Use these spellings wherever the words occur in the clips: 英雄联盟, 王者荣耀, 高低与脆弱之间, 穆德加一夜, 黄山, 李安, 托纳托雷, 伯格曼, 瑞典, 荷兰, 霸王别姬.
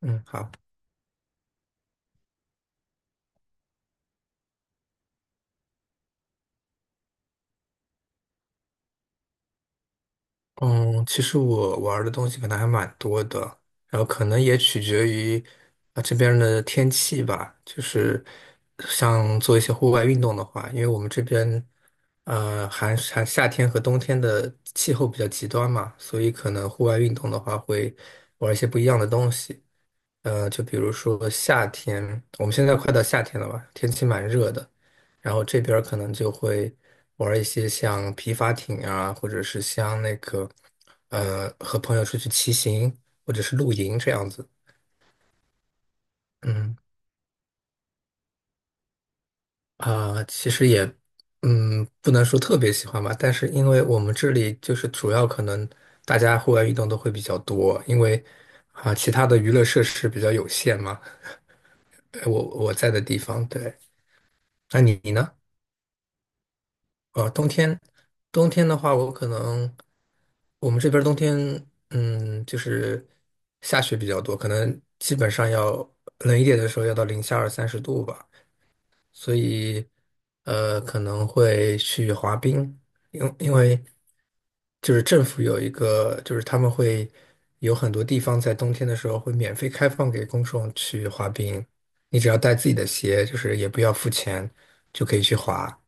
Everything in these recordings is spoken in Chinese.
嗯，好，嗯，其实我玩儿的东西可能还蛮多的，然后可能也取决于这边儿的天气吧，就是像做一些户外运动的话，因为我们这边呃还寒夏天和冬天的气候比较极端嘛，所以可能户外运动的话会玩一些不一样的东西。就比如说夏天，我们现在快到夏天了吧？天气蛮热的，然后这边儿可能就会玩一些像皮划艇啊，或者是像那个，和朋友出去骑行或者是露营这样子。嗯啊，其实也，嗯，不能说特别喜欢吧，但是因为我们这里就是主要可能大家户外运动都会比较多，因为其他的娱乐设施比较有限嘛，我在的地方，对，那你呢？呃，冬天，冬天的话，我可能我们这边儿冬天，就是下雪比较多，可能基本上要冷一点的时候要到零下二三十度吧，所以可能会去滑冰，因为就是政府有一个，就是他们会有很多地方在冬天的时候会免费开放给公众去滑冰，你只要带自己的鞋，就是也不要付钱，就可以去滑。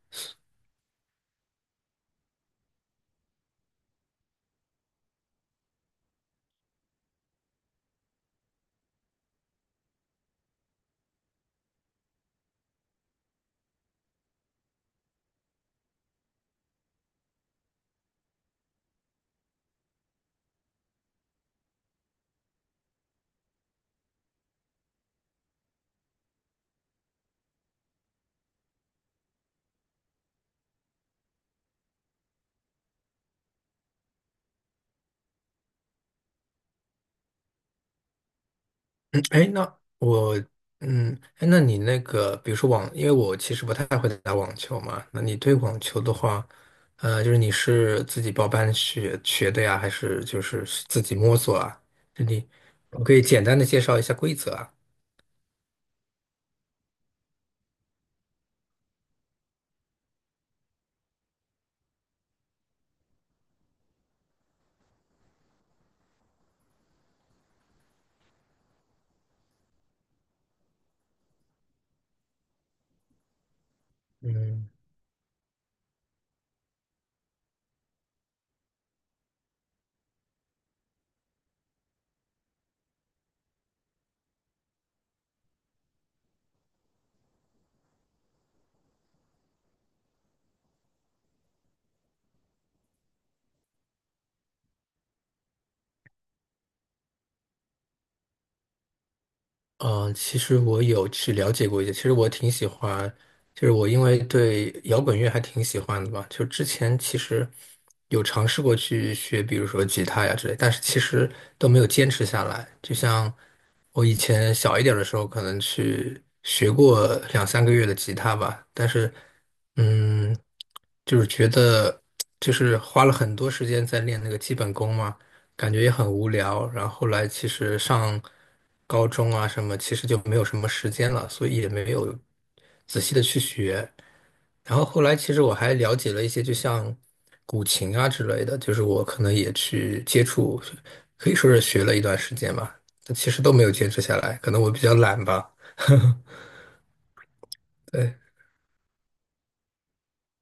嗯，哎，那我，嗯，哎，那你那个，比如说网，因为我其实不太会打网球嘛，那你对网球的话，就是你是自己报班学的呀，还是就是自己摸索啊？就你，我可以简单的介绍一下规则啊。嗯嗯，其实我有去了解过一些，其实我挺喜欢，就是我因为对摇滚乐还挺喜欢的吧，就之前其实有尝试过去学，比如说吉他呀之类，但是其实都没有坚持下来。就像我以前小一点的时候，可能去学过两三个月的吉他吧，但是嗯，就是觉得花了很多时间在练那个基本功嘛。感觉也很无聊。然后后来其实上高中啊什么，其实就没有什么时间了，所以也没有仔细的去学。然后后来其实我还了解了一些，就像古琴啊之类的，就是我可能也去接触，可以说是学了一段时间吧，但其实都没有坚持下来，可能我比较懒吧。对。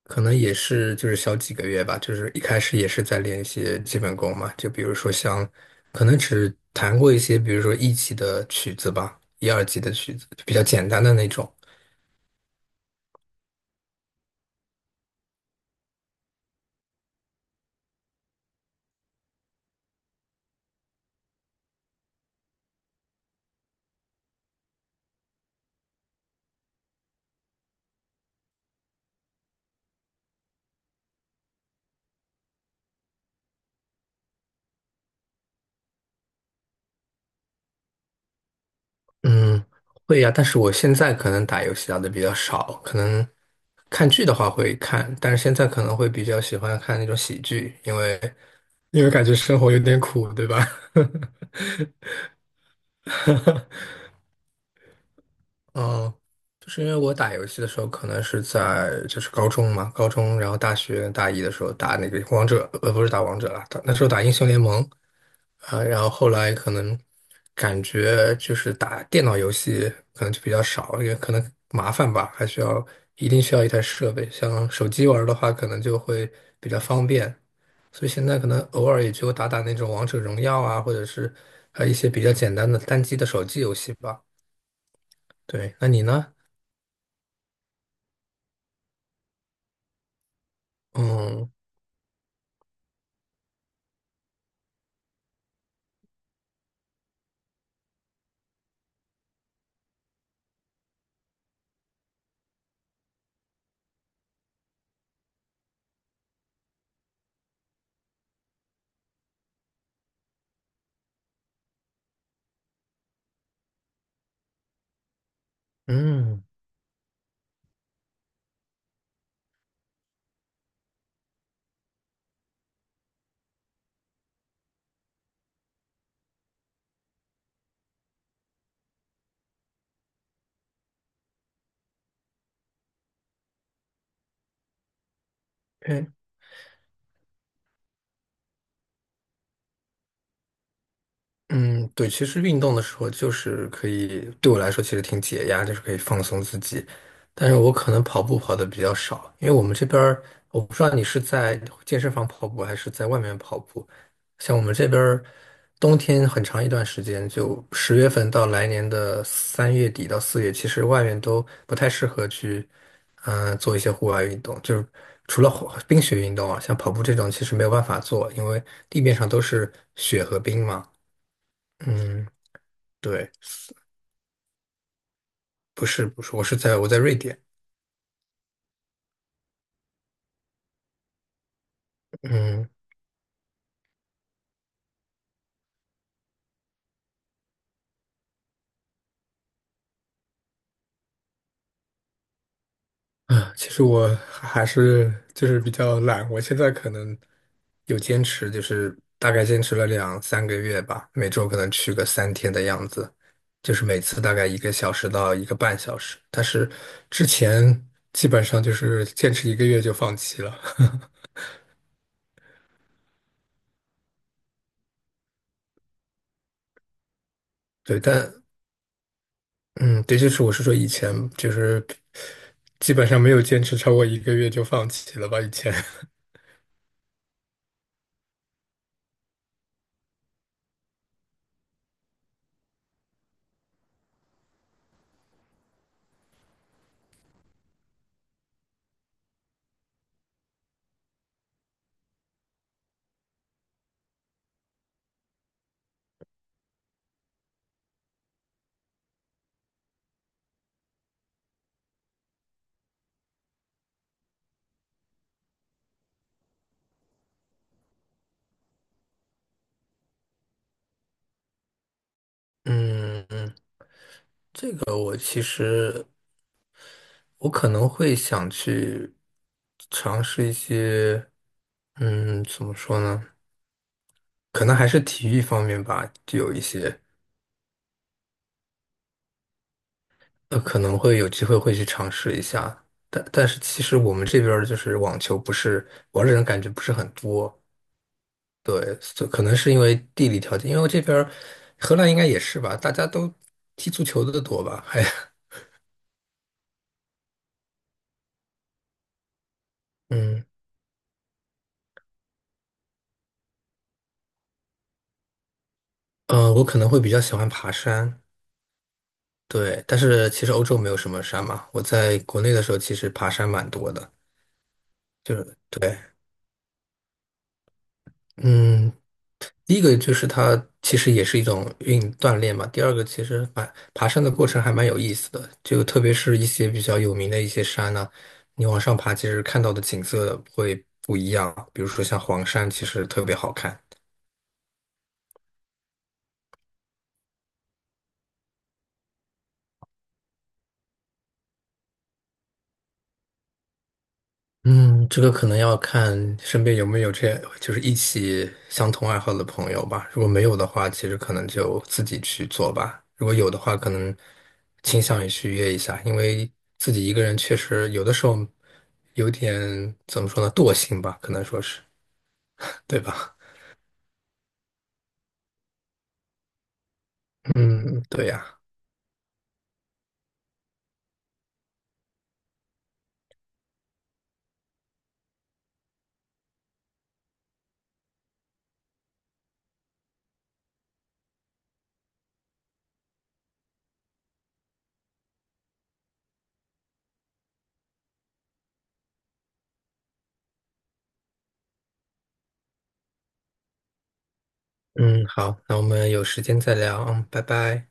可能也是就是小几个月吧，就是一开始也是在练一些基本功嘛，就比如说像，可能只弹过一些，比如说一级的曲子吧，一二级的曲子，比较简单的那种。嗯，会呀，但是我现在可能打游戏打的比较少，可能看剧的话会看，但是现在可能会比较喜欢看那种喜剧，因为感觉生活有点苦，对吧？嗯，就是因为我打游戏的时候，可能是在就是高中嘛，高中，然后大学大一的时候打那个王者，不是打王者了，打那时候打英雄联盟啊，然后后来可能感觉就是打电脑游戏可能就比较少，因为可能麻烦吧，还需要一定需要一台设备，像手机玩儿的话，可能就会比较方便，所以现在可能偶尔也就打打那种王者荣耀啊，或者是一些比较简单的单机的手机游戏吧。对，那你呢？嗯嗯，对。嗯，对，其实运动的时候就是可以，对我来说其实挺解压，就是可以放松自己。但是我可能跑步跑的比较少，因为我们这边儿，我不知道你是在健身房跑步还是在外面跑步。像我们这边儿，冬天很长一段时间，就10月份到来年的3月底到4月，其实外面都不太适合去，做一些户外运动。就是除了滑冰雪运动啊，像跑步这种其实没有办法做，因为地面上都是雪和冰嘛。嗯，对，不是不是，我在瑞典。嗯啊，其实我还是就是比较懒，我现在可能有坚持，就是大概坚持了两三个月吧，每周可能去个3天的样子，就是每次大概1个小时到1个半小时。但是之前基本上就是坚持一个月就放弃了。对，但嗯，对，就是我是说以前就是基本上没有坚持超过一个月就放弃了吧，以前。嗯嗯，我其实我可能会想去尝试一些，怎么说呢？可能还是体育方面吧，就有一些，可能会有机会会去尝试一下。但是其实我们这边儿就是网球不是玩儿的人感觉不是很多，对，所可能是因为地理条件，因为这边儿荷兰应该也是吧，大家都踢足球的多吧，还，嗯，我可能会比较喜欢爬山。对，但是其实欧洲没有什么山嘛。我在国内的时候，其实爬山蛮多的。就是对，嗯，第一个就是它其实也是一种运锻炼嘛。第二个其实蛮爬山的过程还蛮有意思的，就特别是一些比较有名的一些山呢、你往上爬，其实看到的景色会不一样。比如说像黄山，其实特别好看。嗯，这个可能要看身边有没有这，就是一起相同爱好的朋友吧。如果没有的话，其实可能就自己去做吧。如果有的话，可能倾向于去约一下，因为自己一个人确实有的时候有点，怎么说呢，惰性吧，可能说是，对吧？嗯，对呀。嗯，好，那我们有时间再聊，嗯，拜拜。